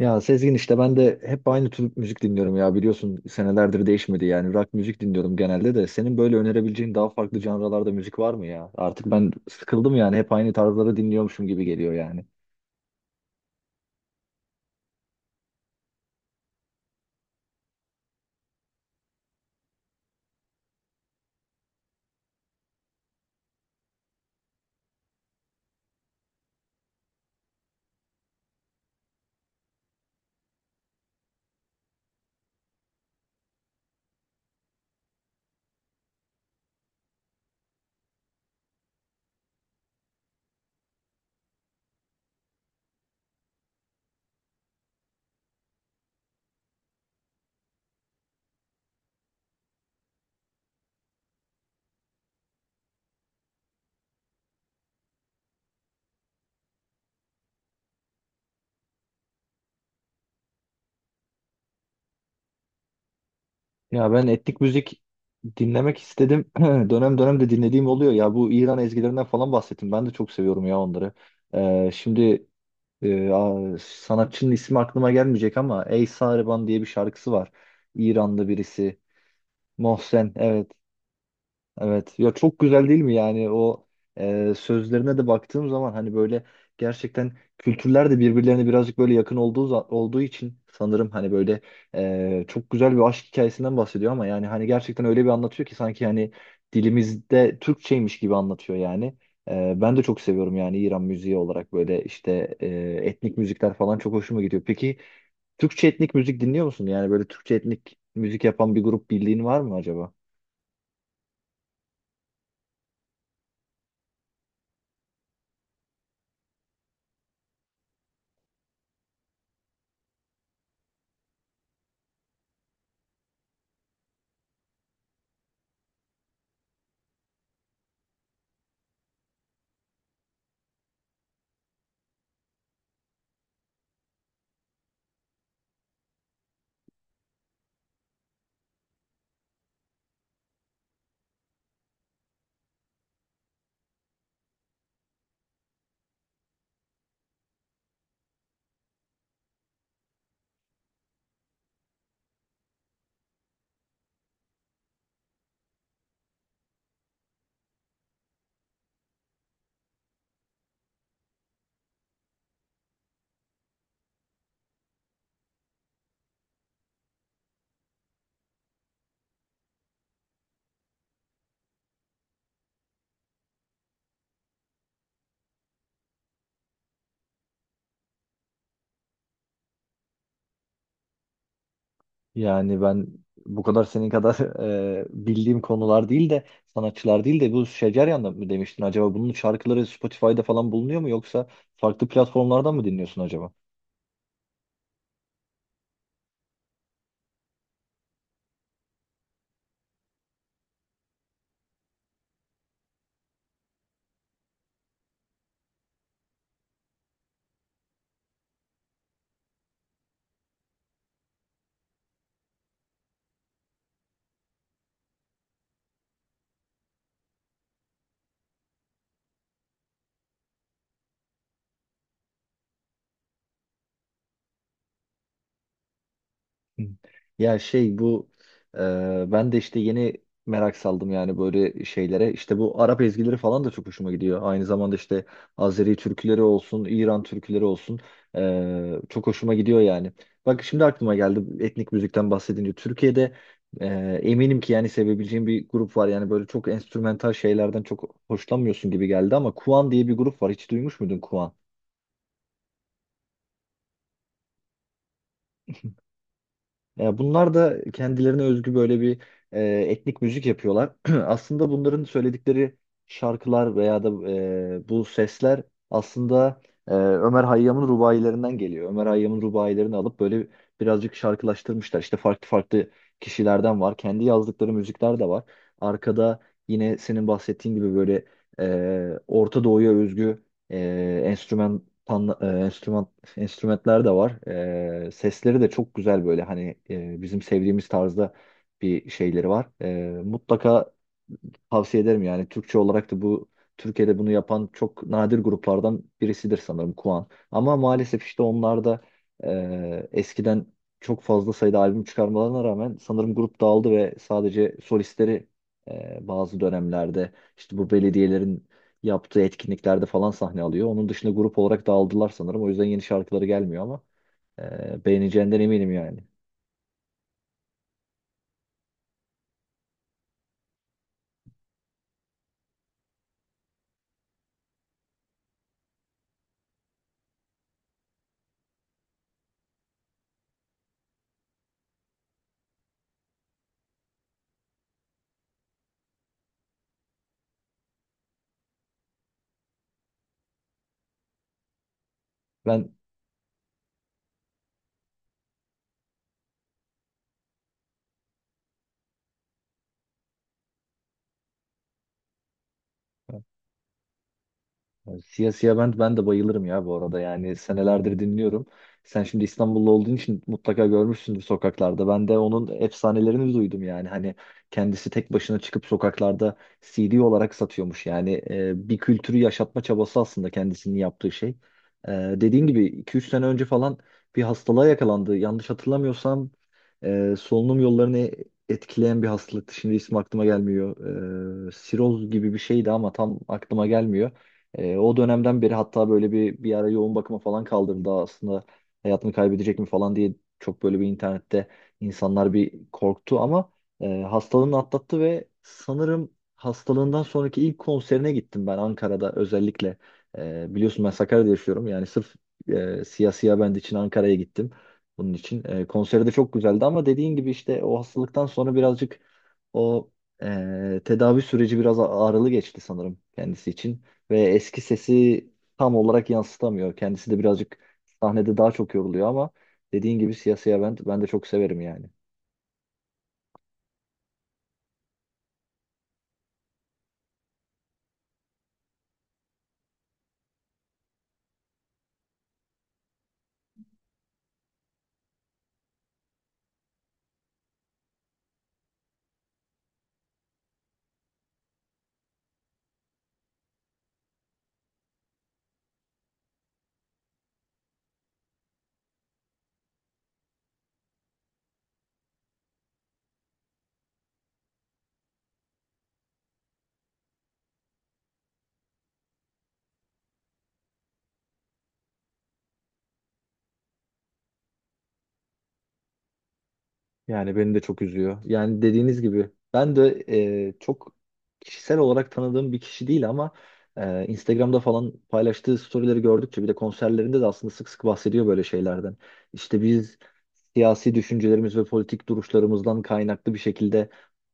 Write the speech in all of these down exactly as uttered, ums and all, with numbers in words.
Ya Sezgin işte ben de hep aynı tür müzik dinliyorum ya, biliyorsun senelerdir değişmedi yani, rock müzik dinliyorum genelde. De senin böyle önerebileceğin daha farklı janralarda müzik var mı ya? Artık ben sıkıldım yani, hep aynı tarzları dinliyormuşum gibi geliyor yani. Ya ben etnik müzik dinlemek istedim, dönem dönem de dinlediğim oluyor ya, bu İran ezgilerinden falan bahsettim, ben de çok seviyorum ya onları. Ee, şimdi e, a- sanatçının ismi aklıma gelmeyecek ama Ey Sariban diye bir şarkısı var, İranlı birisi. Mohsen, evet. Evet ya, çok güzel değil mi yani? O e, sözlerine de baktığım zaman, hani böyle gerçekten kültürler de birbirlerine birazcık böyle yakın olduğu za- olduğu için sanırım, hani böyle e, çok güzel bir aşk hikayesinden bahsediyor ama yani hani gerçekten öyle bir anlatıyor ki sanki hani dilimizde Türkçeymiş gibi anlatıyor yani. E, ben de çok seviyorum yani, İran müziği olarak böyle işte, e, etnik müzikler falan çok hoşuma gidiyor. Peki Türkçe etnik müzik dinliyor musun? Yani böyle Türkçe etnik müzik yapan bir grup bildiğin var mı acaba? Yani ben bu kadar senin kadar e, bildiğim konular değil de, sanatçılar değil de, bu Şeceryan da mı demiştin acaba? Bunun şarkıları Spotify'da falan bulunuyor mu, yoksa farklı platformlardan mı dinliyorsun acaba? Hı. Ya şey, bu e, ben de işte yeni merak saldım yani böyle şeylere. İşte bu Arap ezgileri falan da çok hoşuma gidiyor. Aynı zamanda işte Azeri türküleri olsun, İran türküleri olsun, e, çok hoşuma gidiyor yani. Bak şimdi aklıma geldi etnik müzikten bahsedince. Türkiye'de e, eminim ki yani sevebileceğim bir grup var. Yani böyle çok enstrümantal şeylerden çok hoşlanmıyorsun gibi geldi ama Kuan diye bir grup var. Hiç duymuş muydun Kuan? Ya bunlar da kendilerine özgü böyle bir e, etnik müzik yapıyorlar. Aslında bunların söyledikleri şarkılar veya da e, bu sesler aslında e, Ömer Hayyam'ın rubailerinden geliyor. Ömer Hayyam'ın rubailerini alıp böyle birazcık şarkılaştırmışlar. İşte farklı farklı kişilerden var. Kendi yazdıkları müzikler de var. Arkada yine senin bahsettiğin gibi böyle e, Orta Doğu'ya özgü ee, enstrüman pan- e, enstrüman enstrümanlar da var. Ee, sesleri de çok güzel böyle, hani e, bizim sevdiğimiz tarzda bir şeyleri var. Ee, mutlaka tavsiye ederim yani. Türkçe olarak da bu Türkiye'de bunu yapan çok nadir gruplardan birisidir sanırım, Kuan. Ama maalesef işte onlar da e, eskiden çok fazla sayıda albüm çıkarmalarına rağmen sanırım grup dağıldı ve sadece solistleri e, bazı dönemlerde işte bu belediyelerin yaptığı etkinliklerde falan sahne alıyor. Onun dışında grup olarak dağıldılar sanırım. O yüzden yeni şarkıları gelmiyor ama e, beğeneceğinden eminim yani. Ben Yani Siyah Siyah ben, ben de bayılırım ya bu arada, yani senelerdir dinliyorum. Sen şimdi İstanbullu olduğun için mutlaka görmüşsündür sokaklarda. Ben de onun efsanelerini duydum yani. Hani kendisi tek başına çıkıp sokaklarda C D olarak satıyormuş. Yani e, bir kültürü yaşatma çabası aslında kendisinin yaptığı şey. E, dediğin gibi iki üç sene önce falan bir hastalığa yakalandı. Yanlış hatırlamıyorsam e, solunum yollarını etkileyen bir hastalıktı. Şimdi ismi aklıma gelmiyor. E, siroz gibi bir şeydi ama tam aklıma gelmiyor. E, o dönemden beri hatta böyle bir bir ara yoğun bakıma falan kaldırıldı, aslında hayatını kaybedecek mi falan diye çok böyle bir internette insanlar bir korktu ama e, hastalığını atlattı ve sanırım hastalığından sonraki ilk konserine gittim ben, Ankara'da özellikle. E, biliyorsun ben Sakarya'da yaşıyorum, yani sırf e, Siyah Siyah Band için Ankara'ya gittim bunun için. E, konseri de çok güzeldi ama dediğin gibi işte o hastalıktan sonra birazcık o e, tedavi süreci biraz ağrılı geçti sanırım kendisi için ve eski sesi tam olarak yansıtamıyor. Kendisi de birazcık sahnede daha çok yoruluyor ama dediğin gibi Siyah Siyah ben, ben de çok severim yani. Yani beni de çok üzüyor. Yani dediğiniz gibi ben de e, çok kişisel olarak tanıdığım bir kişi değil ama e, Instagram'da falan paylaştığı storyleri gördükçe, bir de konserlerinde de aslında sık sık bahsediyor böyle şeylerden. İşte biz siyasi düşüncelerimiz ve politik duruşlarımızdan kaynaklı bir şekilde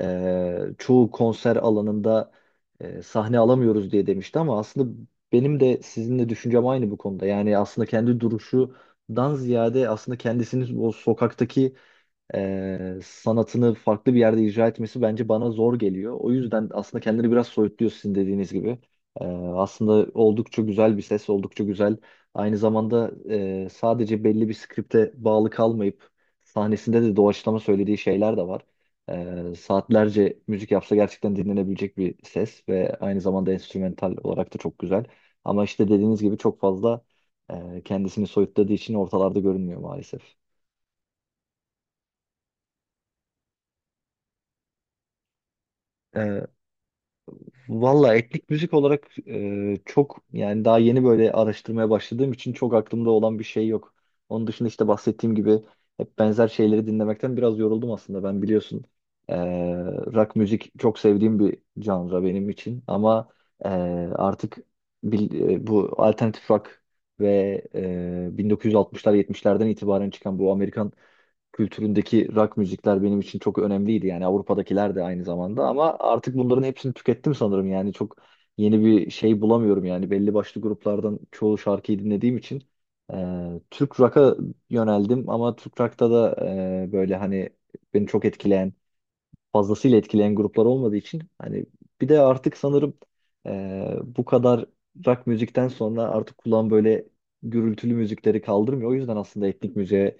e, çoğu konser alanında e, sahne alamıyoruz diye demişti ama aslında benim de sizinle düşüncem aynı bu konuda. Yani aslında kendi duruşu dan ziyade aslında kendisini o sokaktaki e, sanatını farklı bir yerde icra etmesi bence bana zor geliyor. O yüzden aslında kendini biraz soyutluyor sizin dediğiniz gibi. E, Aslında oldukça güzel bir ses, oldukça güzel. Aynı zamanda e, sadece belli bir skripte bağlı kalmayıp sahnesinde de doğaçlama söylediği şeyler de var. E, saatlerce müzik yapsa gerçekten dinlenebilecek bir ses ve aynı zamanda enstrümantal olarak da çok güzel. Ama işte dediğiniz gibi çok fazla e, kendisini soyutladığı için ortalarda görünmüyor maalesef. Valla etnik müzik olarak e, çok yani, daha yeni böyle araştırmaya başladığım için çok aklımda olan bir şey yok. Onun dışında işte bahsettiğim gibi hep benzer şeyleri dinlemekten biraz yoruldum aslında. Ben biliyorsun e, rock müzik çok sevdiğim bir canra benim için ama e, artık bil- e, bu alternatif rock ve e, bin dokuz yüz altmışlar yetmişlerden itibaren çıkan bu Amerikan kültüründeki rock müzikler benim için çok önemliydi. Yani Avrupa'dakiler de aynı zamanda ama artık bunların hepsini tükettim sanırım. Yani çok yeni bir şey bulamıyorum yani, belli başlı gruplardan çoğu şarkıyı dinlediğim için e, Türk rock'a yöneldim ama Türk rock'ta da e, böyle hani beni çok etkileyen fazlasıyla etkileyen gruplar olmadığı için hani bir de artık sanırım e, bu kadar rock müzikten sonra artık kulağım böyle gürültülü müzikleri kaldırmıyor. O yüzden aslında etnik müziğe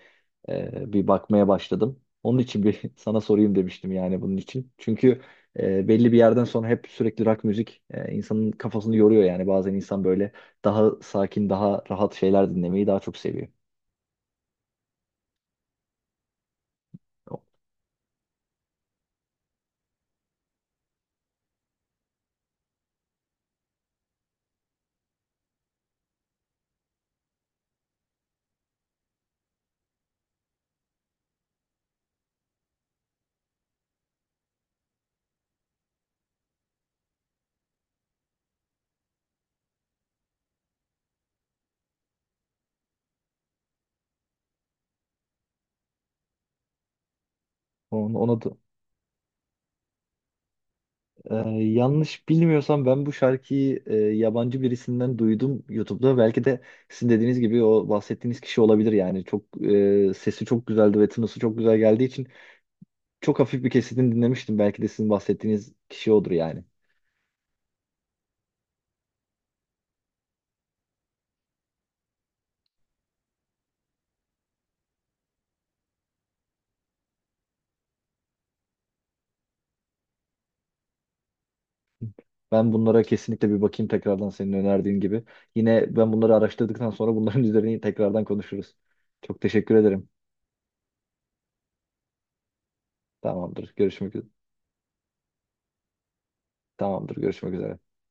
e, bir bakmaya başladım. Onun için bir sana sorayım demiştim yani bunun için. Çünkü e, belli bir yerden sonra hep sürekli rock müzik e, insanın kafasını yoruyor yani. Bazen insan böyle daha sakin, daha rahat şeyler dinlemeyi daha çok seviyor. Ona, ona, da Ee, yanlış bilmiyorsam ben bu şarkıyı e, yabancı birisinden duydum YouTube'da. Belki de sizin dediğiniz gibi o bahsettiğiniz kişi olabilir yani. Çok e, sesi çok güzeldi ve tınısı çok güzel geldiği için çok hafif bir kesitini dinlemiştim. Belki de sizin bahsettiğiniz kişi odur yani. Ben bunlara kesinlikle bir bakayım tekrardan, senin önerdiğin gibi. Yine ben bunları araştırdıktan sonra bunların üzerine tekrardan konuşuruz. Çok teşekkür ederim. Tamamdır, görüşmek üzere. Tamamdır, görüşmek üzere.